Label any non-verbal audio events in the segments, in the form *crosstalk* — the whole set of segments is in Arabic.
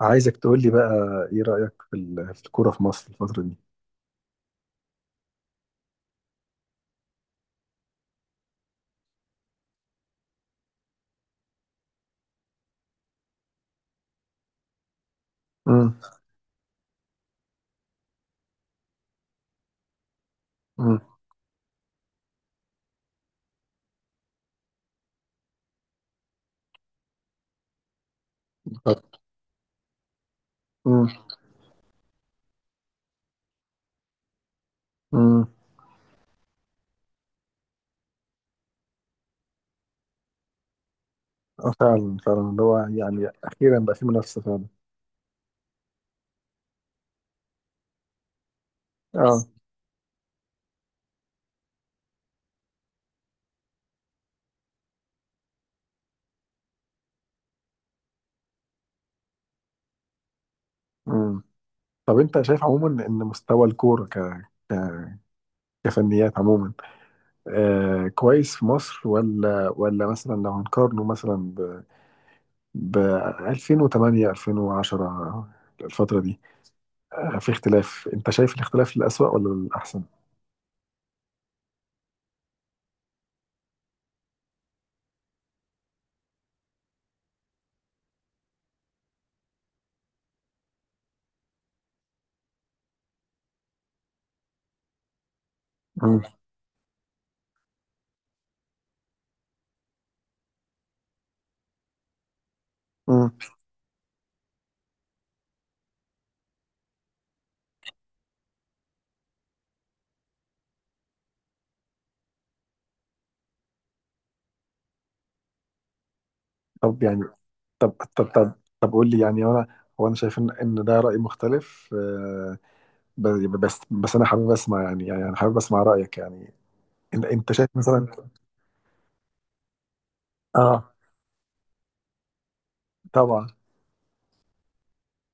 عايزك تقول لي بقى، ايه رأيك في الكورة في مصر الفترة دي؟ امم. امم. بالظبط. امم. امم. آه، فعلا فعلا اللي هو يعني اخيرا بقى في منافسة فعلا. اه. امم. طب انت شايف عموما ان مستوى الكورة ك... كفنيات عموما آه كويس في مصر، ولا ولا مثلا لو هنقارنه مثلا ب 2008 2010 الفترة دي، آه في اختلاف، انت شايف الاختلاف للأسوأ ولا للأحسن؟ امم. امم. طب يعني. طب طب طب طب قول لي، يعني انا هو انا شايف ان ان ده رأي مختلف آه، بس انا حابب اسمع، يعني يعني انا حابب اسمع رأيك يعني. انت شايف مثلا. اه طبعا.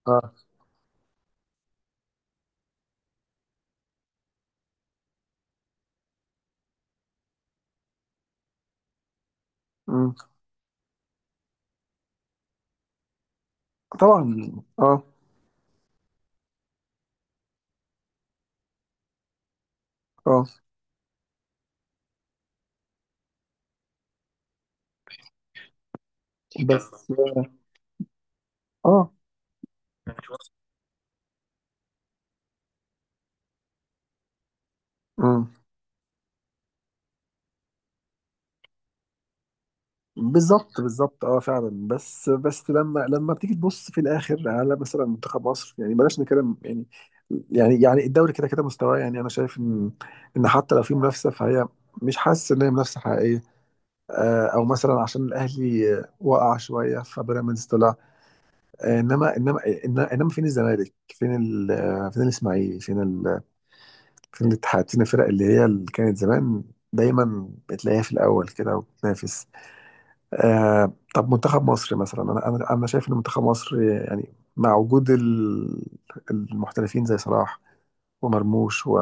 اه. مم. طبعا. اه. اه بس اه. مم. بالظبط بالظبط، اه فعلا، بس لما بتيجي تبص في الاخر على مثلا منتخب مصر، يعني بلاش نتكلم يعني. يعني يعني الدوري كده كده مستواه، يعني انا شايف ان ان حتى لو في منافسه فهي، مش حاسس ان هي منافسه حقيقيه آه، او مثلا عشان الاهلي آه، وقع شويه فبيراميدز طلع آه، انما انما فين الزمالك، فين ال آه، فين الاسماعيلي، فين ال فين الاتحاد، فين الفرق اللي هي اللي كانت زمان دايما بتلاقيها في الاول كده وبتنافس. آه، طب منتخب مصر مثلا، انا شايف ان منتخب مصر يعني مع وجود المحترفين زي صلاح ومرموش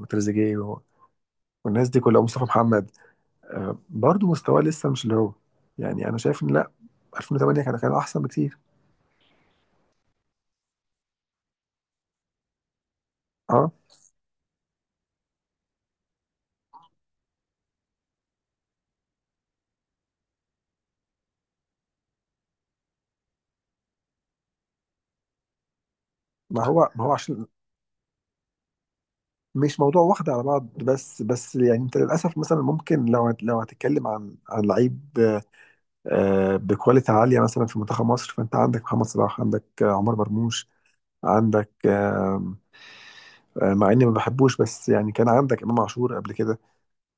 وتريزيجيه والناس دي كلها مصطفى محمد آه برضو مستواه لسه مش اللي هو، يعني انا شايف ان لا، 2008 كان كان احسن بكتير. اه. ما هو عشان مش موضوع واحد على بعض، بس يعني انت للاسف مثلا ممكن لو لو هتتكلم عن عن لعيب آه بكواليتي عاليه مثلا في منتخب مصر، فانت عندك محمد صلاح، عندك آه، عمر مرموش، عندك آم، آه، مع اني ما بحبوش، بس يعني كان عندك امام عاشور قبل كده،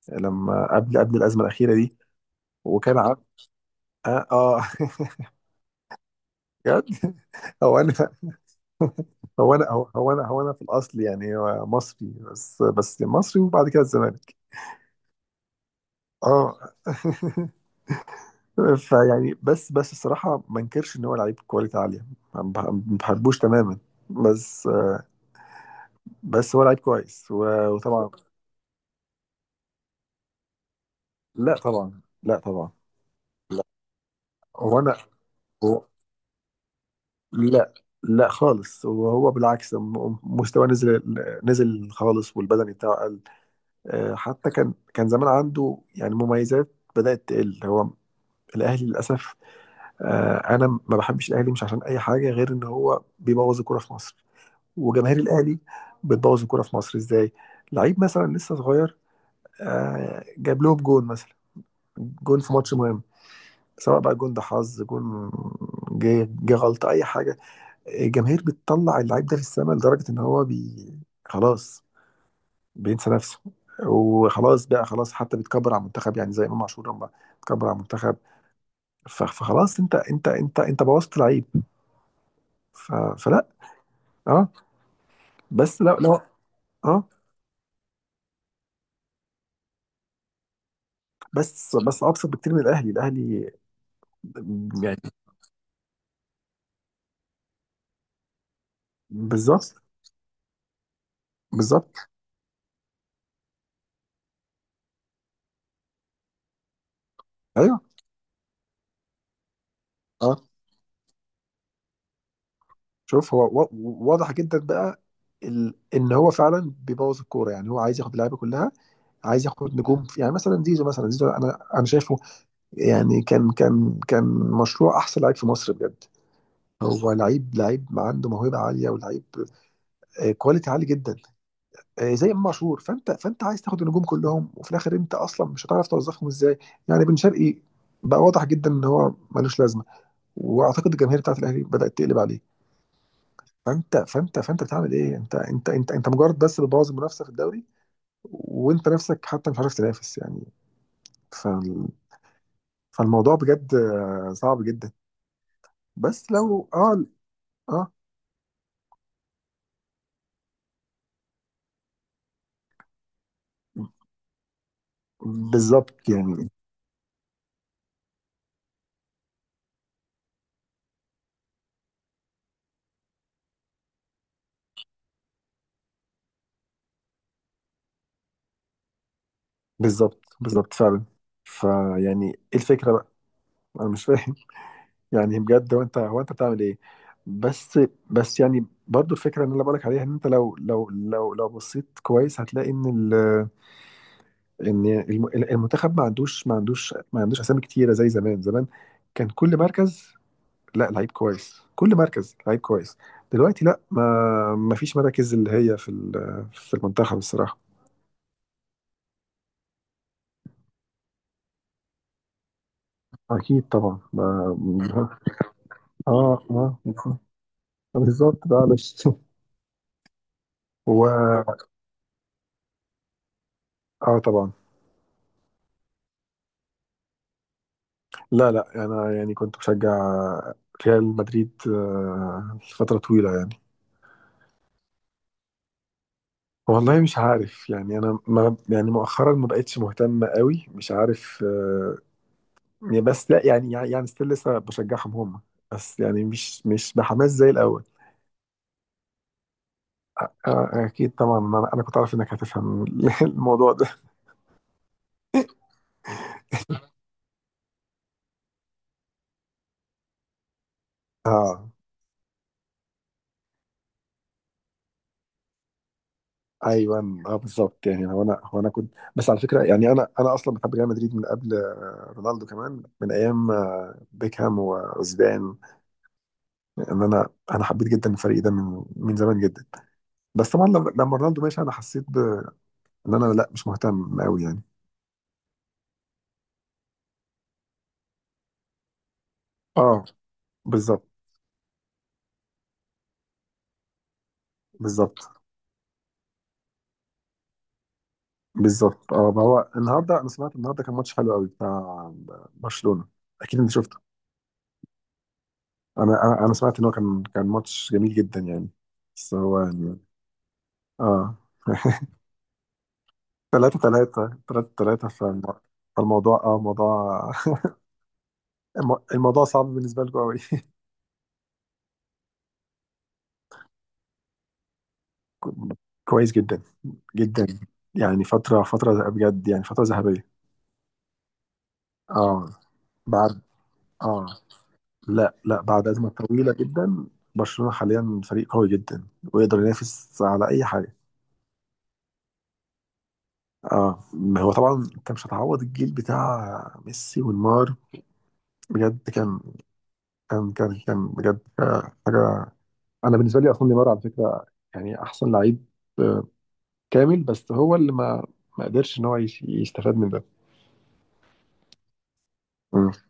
لما قبل قبل الازمه الاخيره دي. وكان عن... اه, آه. *laughs* بجد. هو انا هو انا في الاصل يعني مصري، بس مصري وبعد كده الزمالك. اه. *laughs* فيعني، بس الصراحه ما انكرش ان هو لعيب كواليتي عاليه، ما بحبوش تماما، بس بس هو لعيب كويس وطبعا. لا طبعا. لا طبعا. لا. وانا. لا لا خالص، وهو بالعكس مستواه نزل، نزل خالص، والبدني بتاعه قل آه، حتى كان كان زمان عنده يعني مميزات بدأت تقل. هو الأهلي للأسف آه، أنا ما بحبش الأهلي مش عشان أي حاجة غير إن هو بيبوظ الكورة في مصر. وجماهير الأهلي بتبوظ الكورة في مصر إزاي؟ لعيب مثلا لسه صغير آه، جاب لهم جون مثلا، جون في ماتش مهم، سواء بقى جون ده حظ جون، جه جه غلطة أي حاجة، الجماهير بتطلع اللعيب ده في السماء لدرجة إن هو خلاص بينسى نفسه، وخلاص بقى خلاص، حتى بيتكبر على المنتخب، يعني زي إمام عاشور لما اتكبر على المنتخب. فخلاص، أنت بوظت لعيب. فلا. أه. بس لا لا. أه. بس بس أبسط بكتير من الأهلي. الأهلي يعني. بالظبط بالظبط. أيوه. آه. شوف هو واضح جدا بقى ان هو فعلا بيبوظ الكوره، يعني هو عايز ياخد اللعيبه كلها، عايز ياخد نجوم يعني مثلا زيزو، مثلا زيزو انا انا شايفه يعني كان مشروع احسن لعيب في مصر بجد، هو لعيب لعيب عنده موهبه عاليه ولعيب آه، كواليتي عالي جدا. آه، زي امام عاشور، فانت فانت عايز تاخد النجوم كلهم وفي الاخر انت اصلا مش هتعرف توظفهم ازاي يعني. بن شرقي بقى واضح جدا ان هو ملوش لازمه، واعتقد الجماهير بتاعت الاهلي بدات تقلب عليه. فانت بتعمل ايه، انت مجرد بس بتبوظ المنافسه في الدوري، وانت نفسك حتى مش عارف تنافس يعني. فال... فالموضوع بجد آه، صعب جدا. بس لو اه. اه بالظبط يعني. بالظبط بالظبط فعلا. فيعني ايه الفكره بقى، انا مش فاهم. *laughs* يعني بجد هو انت هو انت بتعمل ايه. بس بس يعني برضو الفكره اللي انا بقولك عليها ان انت لو بصيت كويس هتلاقي ان ال ان المنتخب ما عندوش اسامي كتيره زي زمان. زمان كان كل مركز، لا لعيب كويس كل مركز لعيب كويس. دلوقتي لا، ما ما فيش مراكز اللي هي في المنتخب الصراحه. اكيد طبعا. ما. اه. اه. *laughs* بالظبط ده علش. *laughs* و اه طبعا. لا لا انا يعني كنت بشجع ريال مدريد آه، لفتره طويله يعني. والله مش عارف يعني انا ما يعني مؤخرا ما بقتش مهتم قوي، مش عارف آه، يعني بس لا يعني يعني ستيل لسه بشجعهم هم، بس يعني مش مش بحماس زي الاول. آه. آه، اكيد طبعا. انا أنا كنت عارف انك هتفهم *laughs* الموضوع ده. اه. ايوه، اه بالظبط يعني. هو انا هو انا كنت بس على فكره، يعني انا انا اصلا بحب ريال مدريد من قبل آه، رونالدو كمان من ايام آه، بيكهام وزيدان. ان انا انا حبيت جدا الفريق ده من من زمان جدا. بس طبعا لما لما رونالدو مشي انا حسيت ان انا لا مش مهتم قوي يعني. اه بالظبط بالظبط. بالظبط اه، ما هو النهارده انا سمعت، النهارده كان ماتش حلو قوي بتاع برشلونه، اكيد انت شفته. انا انا أنا سمعت ان هو كان كان ماتش جميل جدا يعني، بس هو يعني. اه. *laughs* ثلاثة ثلاثة ثلاثة ثلاثة. فالموضوع اه موضوع. *laughs* الموضوع صعب بالنسبة لكم قوي. *laughs* كويس جدا. جدا يعني، فترة بجد، يعني فترة ذهبية. اه. بعد. اه لا، لا بعد أزمة طويلة جدا، برشلونة حاليا فريق قوي جدا ويقدر ينافس على أي حاجة. اه ما هو طبعا انت مش هتعوض الجيل بتاع ميسي ونيمار بجد. كان بجد آه، حاجة. أنا بالنسبة لي أصلا نيمار على فكرة، يعني أحسن لعيب آه، كامل، بس هو اللي ما ما قدرش إن هو يستفاد من ده.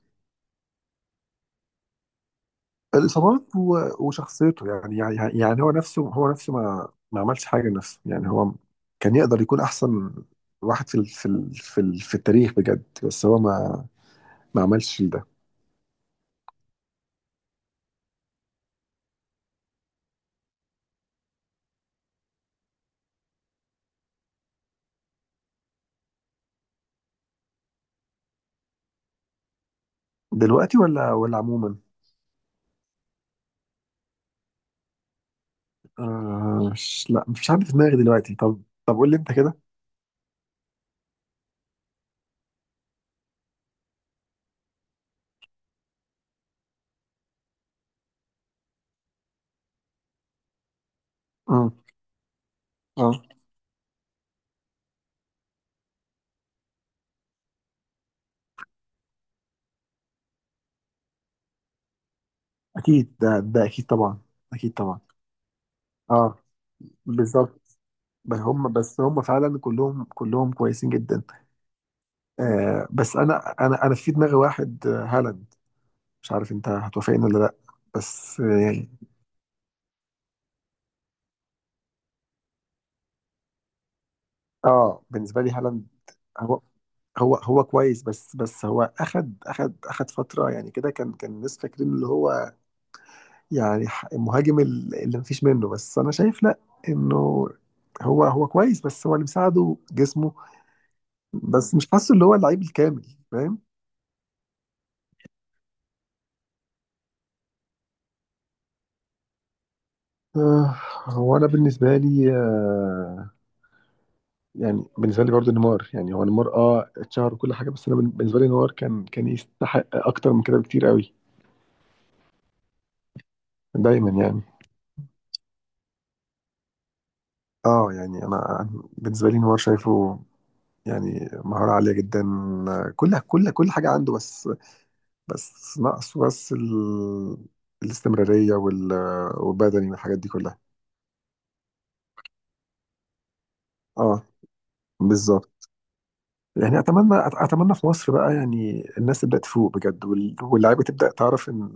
الإصابات وشخصيته يعني يعني يعني هو نفسه هو نفسه ما ما عملش حاجة لنفسه يعني، هو كان يقدر يكون أحسن واحد في التاريخ بجد، بس هو ما ما عملش ده. دلوقتي ولا ولا عموما. آه، مش لا مش عارف في دماغي دلوقتي. طب طب قول لي أنت كده. امم. اه. أكيد ده ده أكيد طبعا. أكيد طبعا. اه بالظبط. بس هم بس هم فعلا كلهم كلهم كويسين جدا. آه، بس انا انا انا في دماغي واحد آه، هالاند، مش عارف انت هتوافقني ولا لا، بس يعني. اه، بالنسبه لي هالاند، هو هو هو كويس، بس بس هو اخد اخد اخد فتره يعني كده، كان كان الناس فاكرين اللي هو يعني المهاجم اللي مفيش منه، بس انا شايف لا، انه هو هو كويس بس هو اللي مساعده جسمه، بس مش حاسه اللي هو اللعيب الكامل فاهم. آه، هو انا بالنسبه لي آه، يعني بالنسبه لي برضو نيمار. يعني هو نيمار اه اتشهر وكل حاجه، بس انا بالنسبه لي نيمار كان كان يستحق اكتر من كده بكتير قوي. دايما يعني. اه يعني انا أنا بالنسبه لي نيمار شايفه يعني مهاره عاليه جدا، كل كل كل حاجه عنده، بس بس ناقصه بس الاستمراريه والبدني والحاجات دي كلها. اه بالظبط يعني. اتمنى اتمنى في مصر بقى يعني الناس تبدا تفوق بجد، واللعيبه تبدا تعرف ان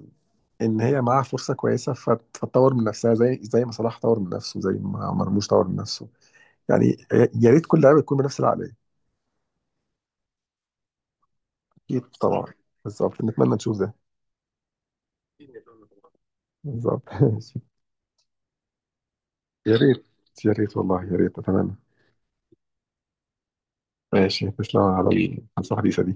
ان هي معاها فرصه كويسه، فتطور من نفسها زي زي ما صلاح طور من نفسه، زي ما مرموش طور من نفسه يعني. يا يا ريت كل لعيبه تكون بنفس العقليه. اكيد طبعا. بالظبط نتمنى نشوف ده. بالظبط. *laughs* ماشي. يا ريت. يا ريت والله، يا ريت اتمنى. ماشي، تسلم على النصيحه الحديثه دي.